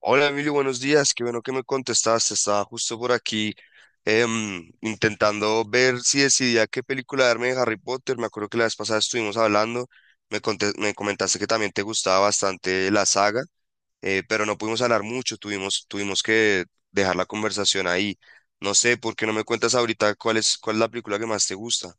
Hola Emilio, buenos días. Qué bueno que me contestaste. Estaba justo por aquí intentando ver si decidía qué película darme de Harry Potter. Me acuerdo que la vez pasada estuvimos hablando. Me comentaste que también te gustaba bastante la saga, pero no pudimos hablar mucho. Tuvimos que dejar la conversación ahí. No sé, ¿por qué no me cuentas ahorita cuál es la película que más te gusta?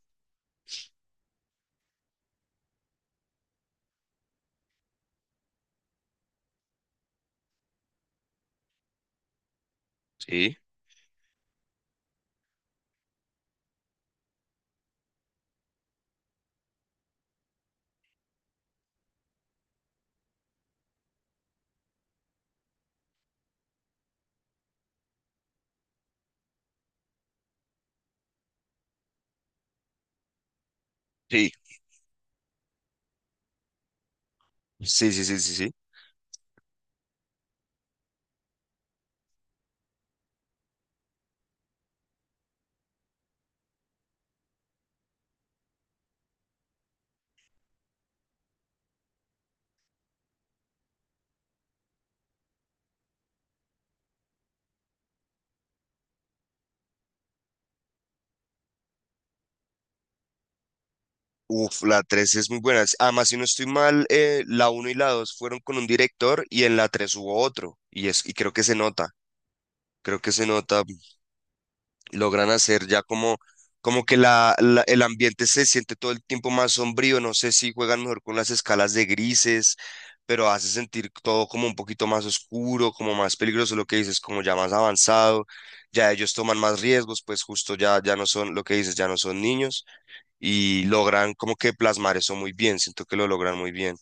Sí, sí. Sí, sí, sí, sí, sí. Uf, la 3 es muy buena. Además, si no estoy mal, la uno y la 2 fueron con un director y en la 3 hubo otro. Y creo que se nota, creo que se nota. Logran hacer ya como que el ambiente se siente todo el tiempo más sombrío. No sé si juegan mejor con las escalas de grises, pero hace sentir todo como un poquito más oscuro, como más peligroso, lo que dices, como ya más avanzado. Ya ellos toman más riesgos, pues justo ya no son, lo que dices, ya no son niños y logran como que plasmar eso muy bien, siento que lo logran muy bien.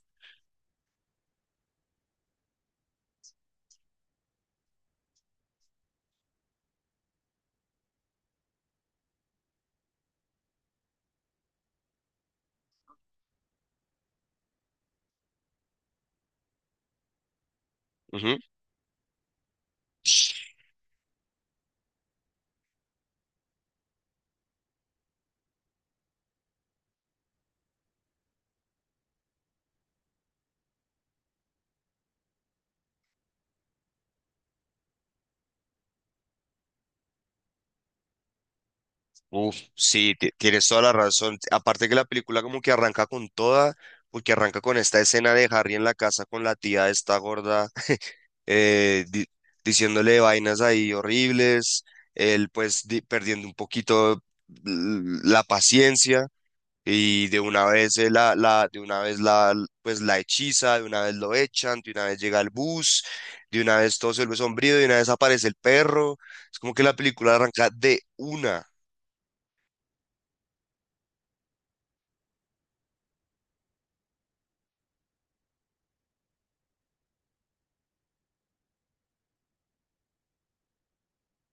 Ujú. Uf, sí, tienes toda la razón. Aparte que la película como que arranca con toda, porque arranca con esta escena de Harry en la casa con la tía esta gorda, eh, di- diciéndole vainas ahí horribles, él pues perdiendo un poquito la paciencia. Y de una vez pues la hechiza, de una vez lo echan, de una vez llega el bus, de una vez todo se vuelve sombrío, de una vez aparece el perro. Es como que la película arranca de una.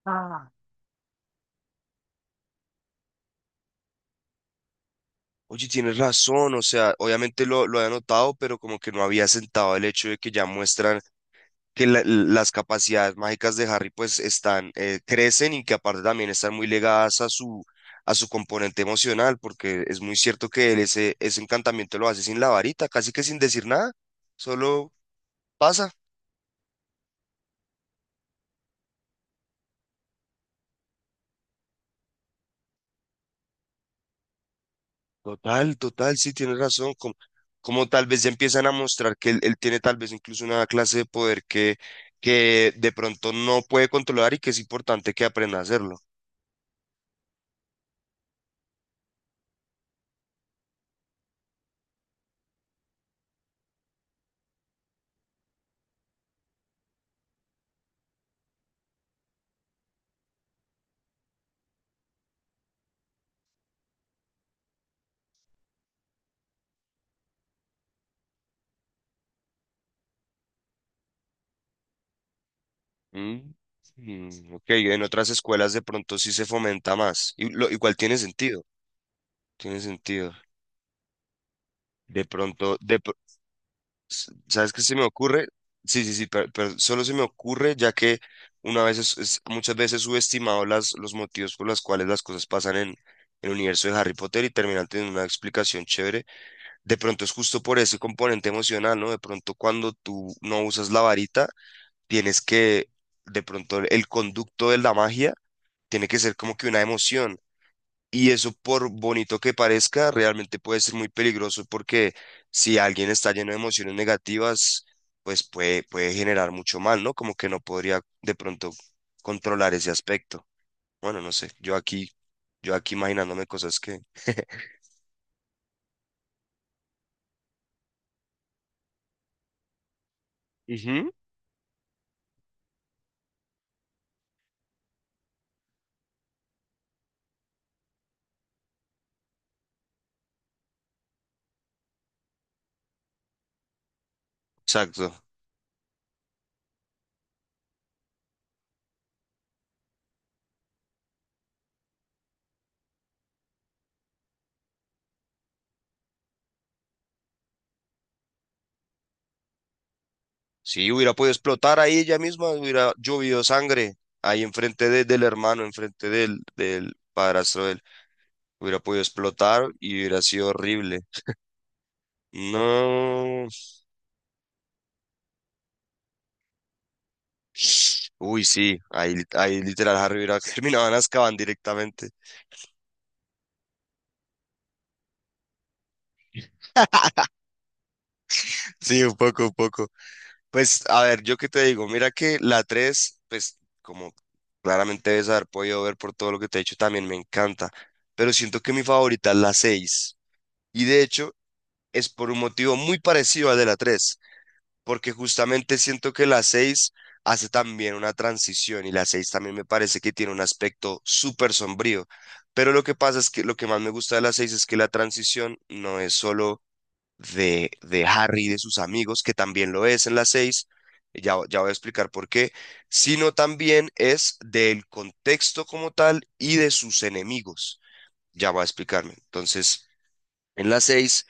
Ah. Oye, tienes razón, o sea, obviamente lo había notado, pero como que no había sentado el hecho de que ya muestran que las capacidades mágicas de Harry pues están, crecen y que aparte también están muy ligadas a su componente emocional, porque es muy cierto que él ese encantamiento lo hace sin la varita, casi que sin decir nada, solo pasa. Total, total, sí, tienes razón. Como tal vez ya empiezan a mostrar que él tiene tal vez incluso una clase de poder que de pronto no puede controlar y que es importante que aprenda a hacerlo. Mm, ok, en otras escuelas de pronto sí se fomenta más. Y igual tiene sentido, tiene sentido. De pronto, ¿sabes qué se me ocurre? Sí, sí, sí, pero, solo se me ocurre ya que una vez muchas veces subestimado las, los motivos por los cuales las cosas pasan en el universo de Harry Potter y terminan teniendo una explicación chévere. De pronto es justo por ese componente emocional, ¿no? De pronto cuando tú no usas la varita, tienes que, de pronto el conducto de la magia tiene que ser como que una emoción. Y eso, por bonito que parezca, realmente puede ser muy peligroso porque si alguien está lleno de emociones negativas, pues puede generar mucho mal, ¿no? Como que no podría de pronto controlar ese aspecto. Bueno, no sé, yo aquí imaginándome cosas que. Ujú. Exacto. Sí, hubiera podido explotar ahí ella misma, hubiera llovido sangre ahí enfrente del hermano, enfrente del padrastro de él. Hubiera podido explotar y hubiera sido horrible. No. Uy, sí, ahí literal Harry Burak terminaban Azkaban directamente. Sí, un poco, un poco. Pues, a ver, yo qué te digo, mira que la 3, pues, como claramente debes haber podido ver por todo lo que te he dicho, también me encanta. Pero siento que mi favorita es la seis. Y de hecho, es por un motivo muy parecido al de la tres, porque justamente siento que la 6 hace también una transición y la 6 también me parece que tiene un aspecto súper sombrío. Pero lo que pasa es que lo que más me gusta de la 6 es que la transición no es solo de Harry y de sus amigos, que también lo es en la 6 ya voy a explicar por qué, sino también es del contexto como tal y de sus enemigos. Ya voy a explicarme. Entonces, en la 6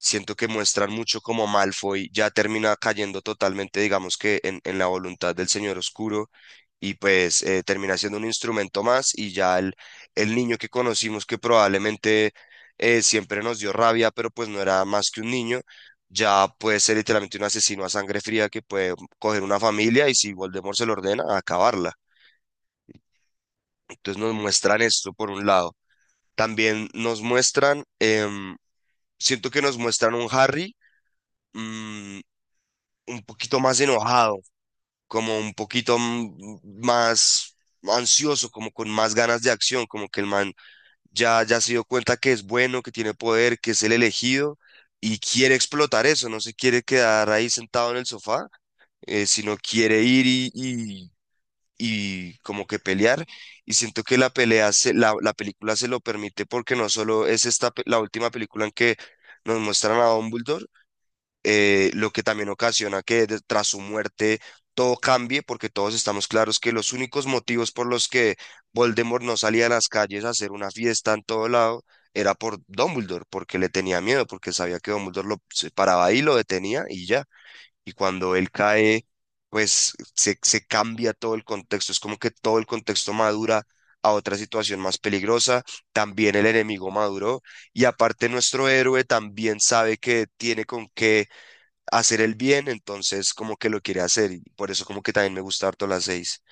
siento que muestran mucho como Malfoy ya termina cayendo totalmente, digamos que en la voluntad del Señor Oscuro y pues termina siendo un instrumento más y ya el niño que conocimos que probablemente siempre nos dio rabia, pero pues no era más que un niño, ya puede ser literalmente un asesino a sangre fría que puede coger una familia y si Voldemort se lo ordena, acabarla. Entonces nos muestran esto por un lado. También nos muestran, siento que nos muestran un Harry mm, un poquito más enojado, como un poquito más ansioso, como con más ganas de acción, como que el man ya se dio cuenta que es bueno, que tiene poder, que es el elegido y quiere explotar eso, no se quiere quedar ahí sentado en el sofá, sino quiere ir y como que pelear. Y siento que la película se lo permite porque no solo es esta, la última película en que nos muestran a Dumbledore, lo que también ocasiona que tras su muerte todo cambie, porque todos estamos claros que los únicos motivos por los que Voldemort no salía a las calles a hacer una fiesta en todo lado era por Dumbledore, porque le tenía miedo, porque sabía que Dumbledore lo se paraba ahí, lo detenía y ya. Y cuando él cae, pues se cambia todo el contexto, es como que todo el contexto madura a otra situación más peligrosa, también el enemigo maduró y aparte nuestro héroe también sabe que tiene con qué hacer el bien, entonces como que lo quiere hacer y por eso como que también me gusta harto las seis.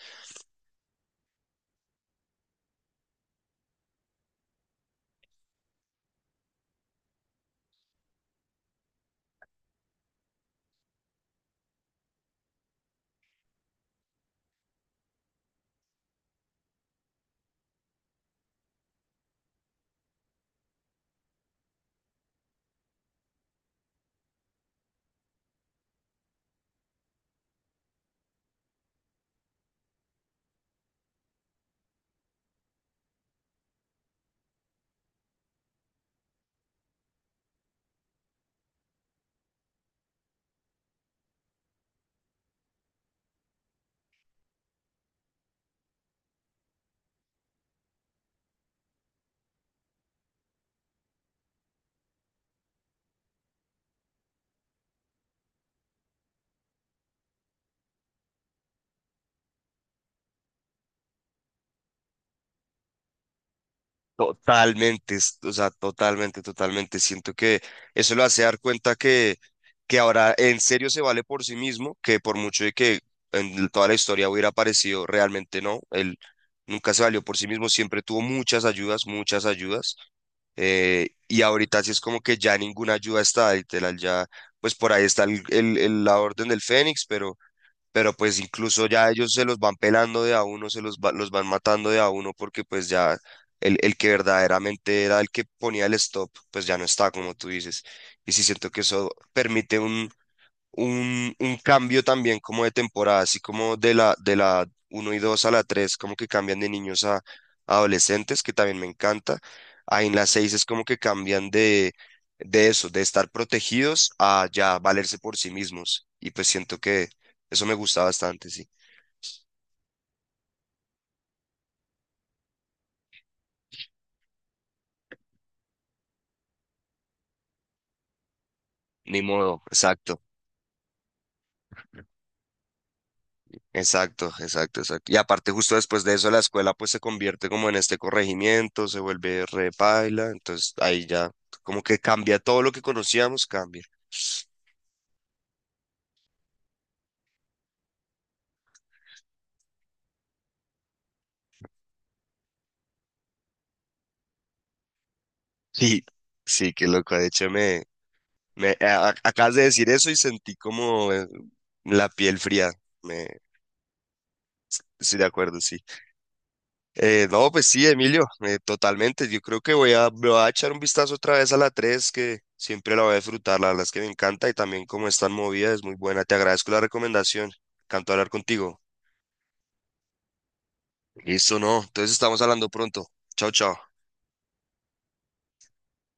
Totalmente, o sea, totalmente, totalmente. Siento que eso lo hace dar cuenta que ahora en serio se vale por sí mismo, que por mucho de que en toda la historia hubiera aparecido, realmente no, él nunca se valió por sí mismo, siempre tuvo muchas ayudas, muchas ayudas. Y ahorita sí es como que ya ninguna ayuda está, literal, ya, pues por ahí está la Orden del Fénix, pero pues incluso ya ellos se los van pelando de a uno, los van matando de a uno porque pues ya el que verdaderamente era el que ponía el stop, pues ya no está, como tú dices. Y sí siento que eso permite un cambio también como de temporada, así como de la uno y 2 a la 3 como que cambian de niños a adolescentes, que también me encanta. Ahí en la 6 es como que cambian de eso, de estar protegidos a ya valerse por sí mismos. Y pues siento que eso me gusta bastante, sí. Ni modo, exacto. Exacto, exacto, exacto. Y aparte, justo después de eso, la escuela pues se convierte como en este corregimiento, se vuelve re paila, entonces ahí ya como que cambia todo lo que conocíamos, cambia. Sí, sí, qué loco. De hecho, me acabas de decir eso y sentí como la piel fría. Me, Estoy de acuerdo, sí. No, pues sí, Emilio, totalmente. Yo creo que me voy a echar un vistazo otra vez a la 3 que siempre la voy a disfrutar. La verdad es que me encanta y también como es tan movida, es muy buena. Te agradezco la recomendación. Canto hablar contigo. Listo, no. Entonces estamos hablando pronto. Chao, chao.